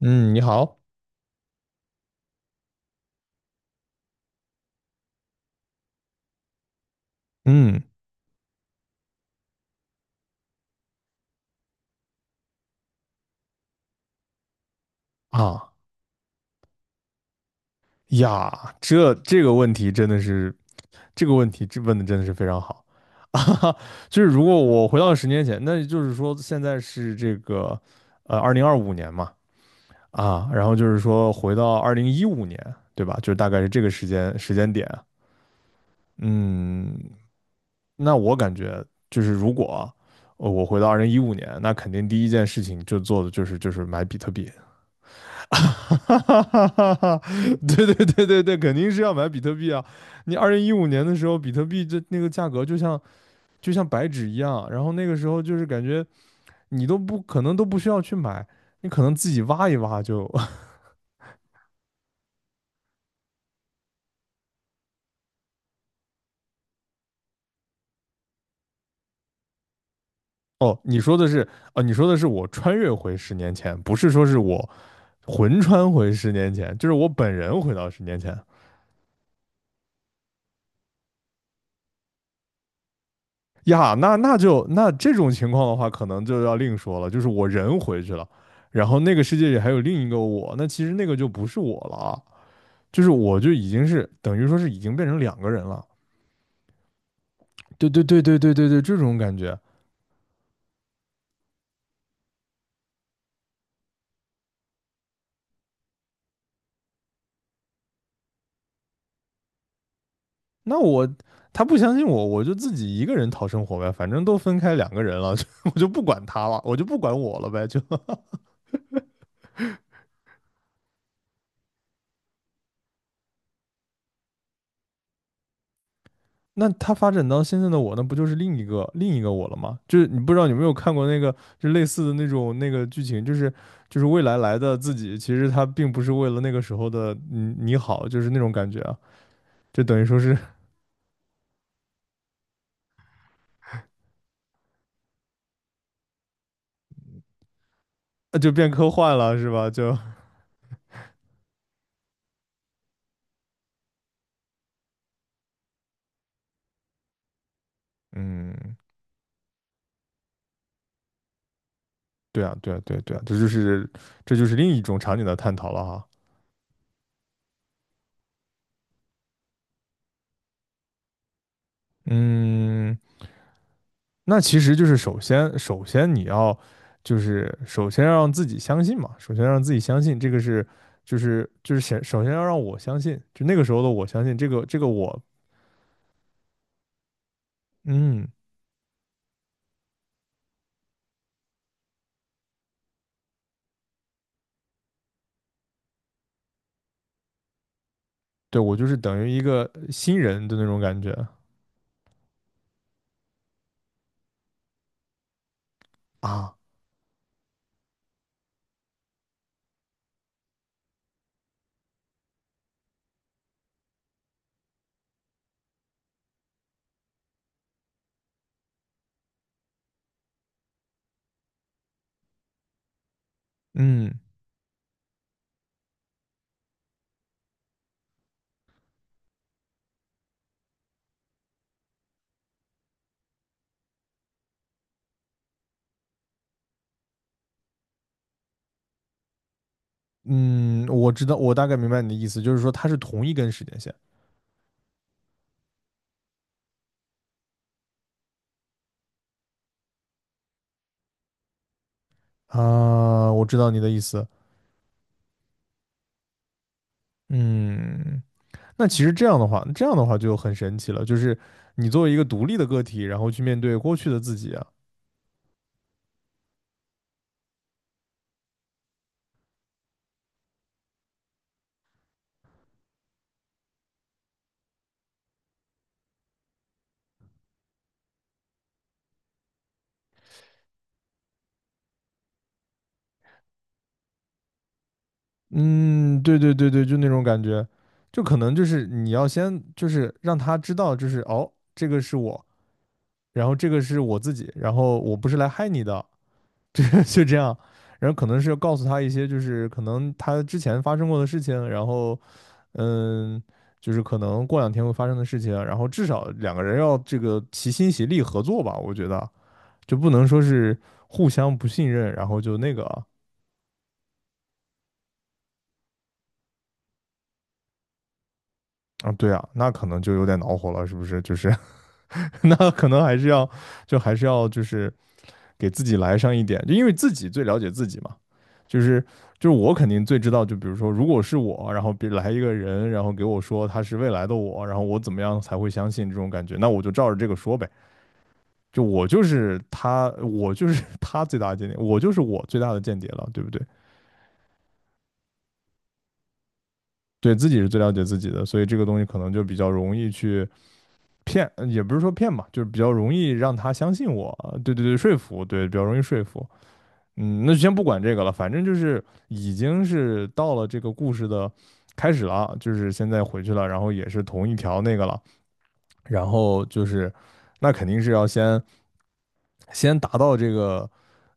嗯，你好。嗯啊呀，这个问题真的是，这个问题问的真的是非常好。 啊，就是如果我回到十年前，那就是说现在是这个2025年嘛。然后就是说回到二零一五年，对吧？就是大概是这个时间点。嗯，那我感觉就是如果我回到二零一五年，那肯定第一件事情就做的就是买比特币。哈哈哈！哈对对对对对，肯定是要买比特币啊！你二零一五年的时候，比特币那个价格就像白纸一样，然后那个时候就是感觉你都不可能都不需要去买，你可能自己挖一挖就。哦，你说的是哦，你说的是我穿越回十年前，不是说是我魂穿回十年前，就是我本人回到十年前。呀，那这种情况的话，可能就要另说了，就是我人回去了，然后那个世界里还有另一个我，那其实那个就不是我了啊，就是我就已经是等于说是已经变成两个人了。对对对对对对对，这种感觉。那我他不相信我，我就自己一个人讨生活呗，反正都分开两个人了，我就不管他了，我就不管我了呗，就 那他发展到现在的我，那不就是另一个我了吗？就是你不知道有没有看过那个，就类似的那种那个剧情，就是未来来的自己，其实他并不是为了那个时候的你好，就是那种感觉啊，就等于说是。 就变科幻了，是吧？嗯，对啊，对啊，对啊对啊，这就是另一种场景的探讨了哈。嗯，那其实就是首先，首先你要就是首先要让自己相信嘛，首先让自己相信这个是就是先首先要让我相信，就那个时候的我相信这个我。嗯，对我就是等于一个新人的那种感觉啊。嗯嗯，我知道我大概明白你的意思，就是说它是同一根时间线。啊，我知道你的意思。嗯，那其实这样的话就很神奇了，就是你作为一个独立的个体，然后去面对过去的自己。啊。嗯，对对对对，就那种感觉，就可能就是你要先就是让他知道，就是哦，这个是我，然后这个是我自己，然后我不是来害你的，这就这样。然后可能是要告诉他一些就是可能他之前发生过的事情，然后嗯，就是可能过两天会发生的事情，然后至少两个人要这个齐心协力合作吧，我觉得就不能说是互相不信任，然后就那个啊，对啊，那可能就有点恼火了，是不是？就是。那可能还是要就是给自己来上一点，就因为自己最了解自己嘛，就是就是我肯定最知道，就比如说如果是我，然后别来一个人，然后给我说他是未来的我，然后我怎么样才会相信这种感觉，那我就照着这个说呗，就我就是他，我就是 他最大的间谍，我就是我最大的间谍了，对不对？对自己是最了解自己的，所以这个东西可能就比较容易去骗，也不是说骗嘛，就是比较容易让他相信我，对对对，说服，对，比较容易说服。那就先不管这个了，反正就是已经是到了这个故事的开始了，就是现在回去了，然后也是同一条那个了，然后就是那肯定是要先达到这个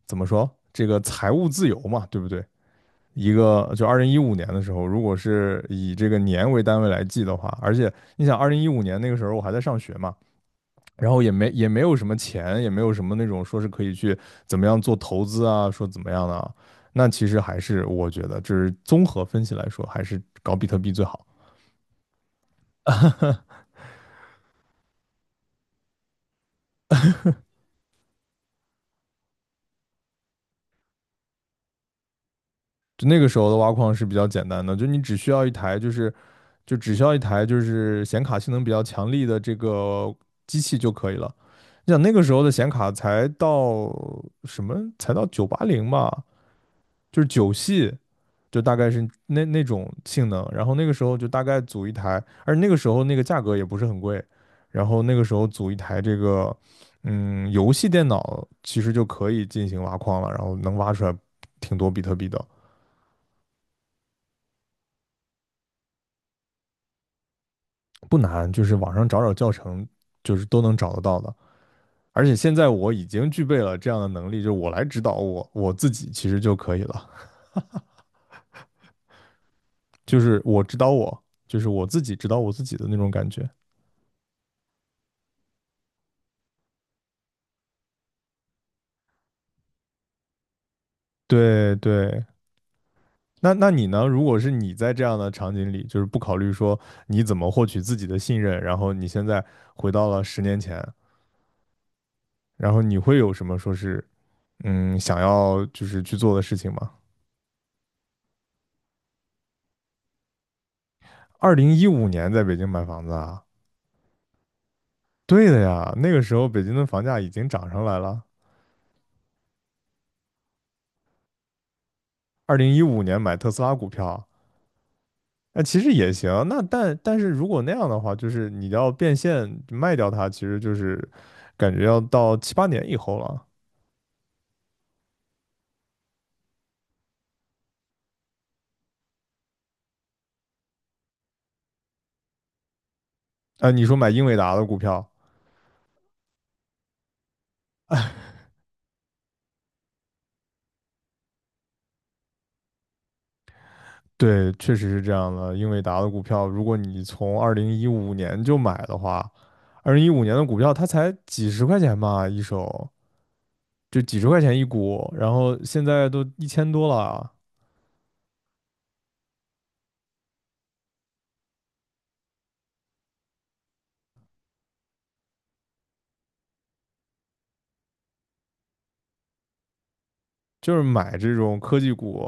怎么说这个财务自由嘛，对不对？一个就二零一五年的时候，如果是以这个年为单位来记的话，而且你想二零一五年那个时候我还在上学嘛，然后也没有什么钱，也没有什么那种说是可以去怎么样做投资啊，说怎么样的啊，那其实还是我觉得，就是综合分析来说，还是搞比特币最好。就那个时候的挖矿是比较简单的，就你只需要一台，就是就只需要一台就是显卡性能比较强力的这个机器就可以了。你想那个时候的显卡才到什么？才到980吧，就是九系，就大概是那种性能。然后那个时候就大概组一台，而那个时候那个价格也不是很贵。然后那个时候组一台这个，游戏电脑其实就可以进行挖矿了，然后能挖出来挺多比特币的，不难，就是网上找找教程，就是都能找得到的。而且现在我已经具备了这样的能力，就是我来指导我自己其实就可以了，就是我指导我，就是我自己指导我自己的那种感觉。对对，那你呢？如果是你在这样的场景里，就是不考虑说你怎么获取自己的信任，然后你现在回到了十年前，然后你会有什么说是想要就是去做的事情吗？二零一五年在北京买房子啊，对的呀，那个时候北京的房价已经涨上来了。二零一五年买特斯拉股票，那其实也行。那但是如果那样的话，就是你要变现卖掉它，其实就是感觉要到七八年以后了。啊，你说买英伟达的股票。对，确实是这样的。英伟达的股票，如果你从二零一五年就买的话，二零一五年的股票它才几十块钱吧一手，就几十块钱一股，然后现在都1000多了。就是买这种科技股，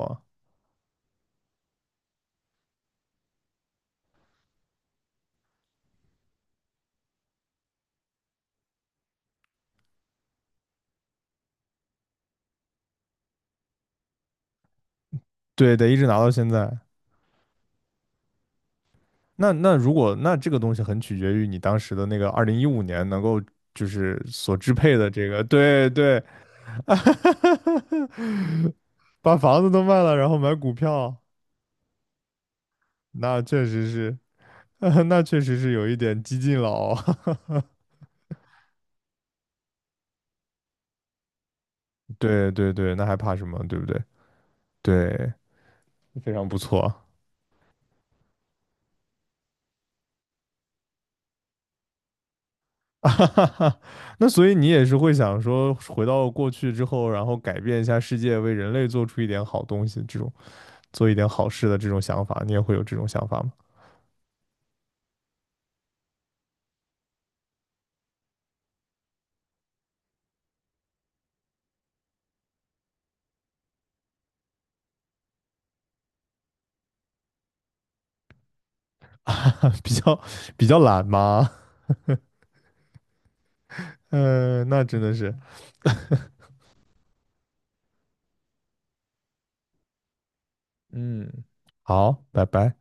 对，得一直拿到现在。那如果那这个东西很取决于你当时的那个二零一五年能够就是所支配的这个，对对，把房子都卖了，然后买股票，那确实是。那确实是有一点激进了哦。对对对，那还怕什么？对不对？对，非常不错。那所以你也是会想说，回到过去之后，然后改变一下世界，为人类做出一点好东西，这种做一点好事的这种想法，你也会有这种想法吗？比较懒吗？嗯，那真的是 嗯。好，拜拜。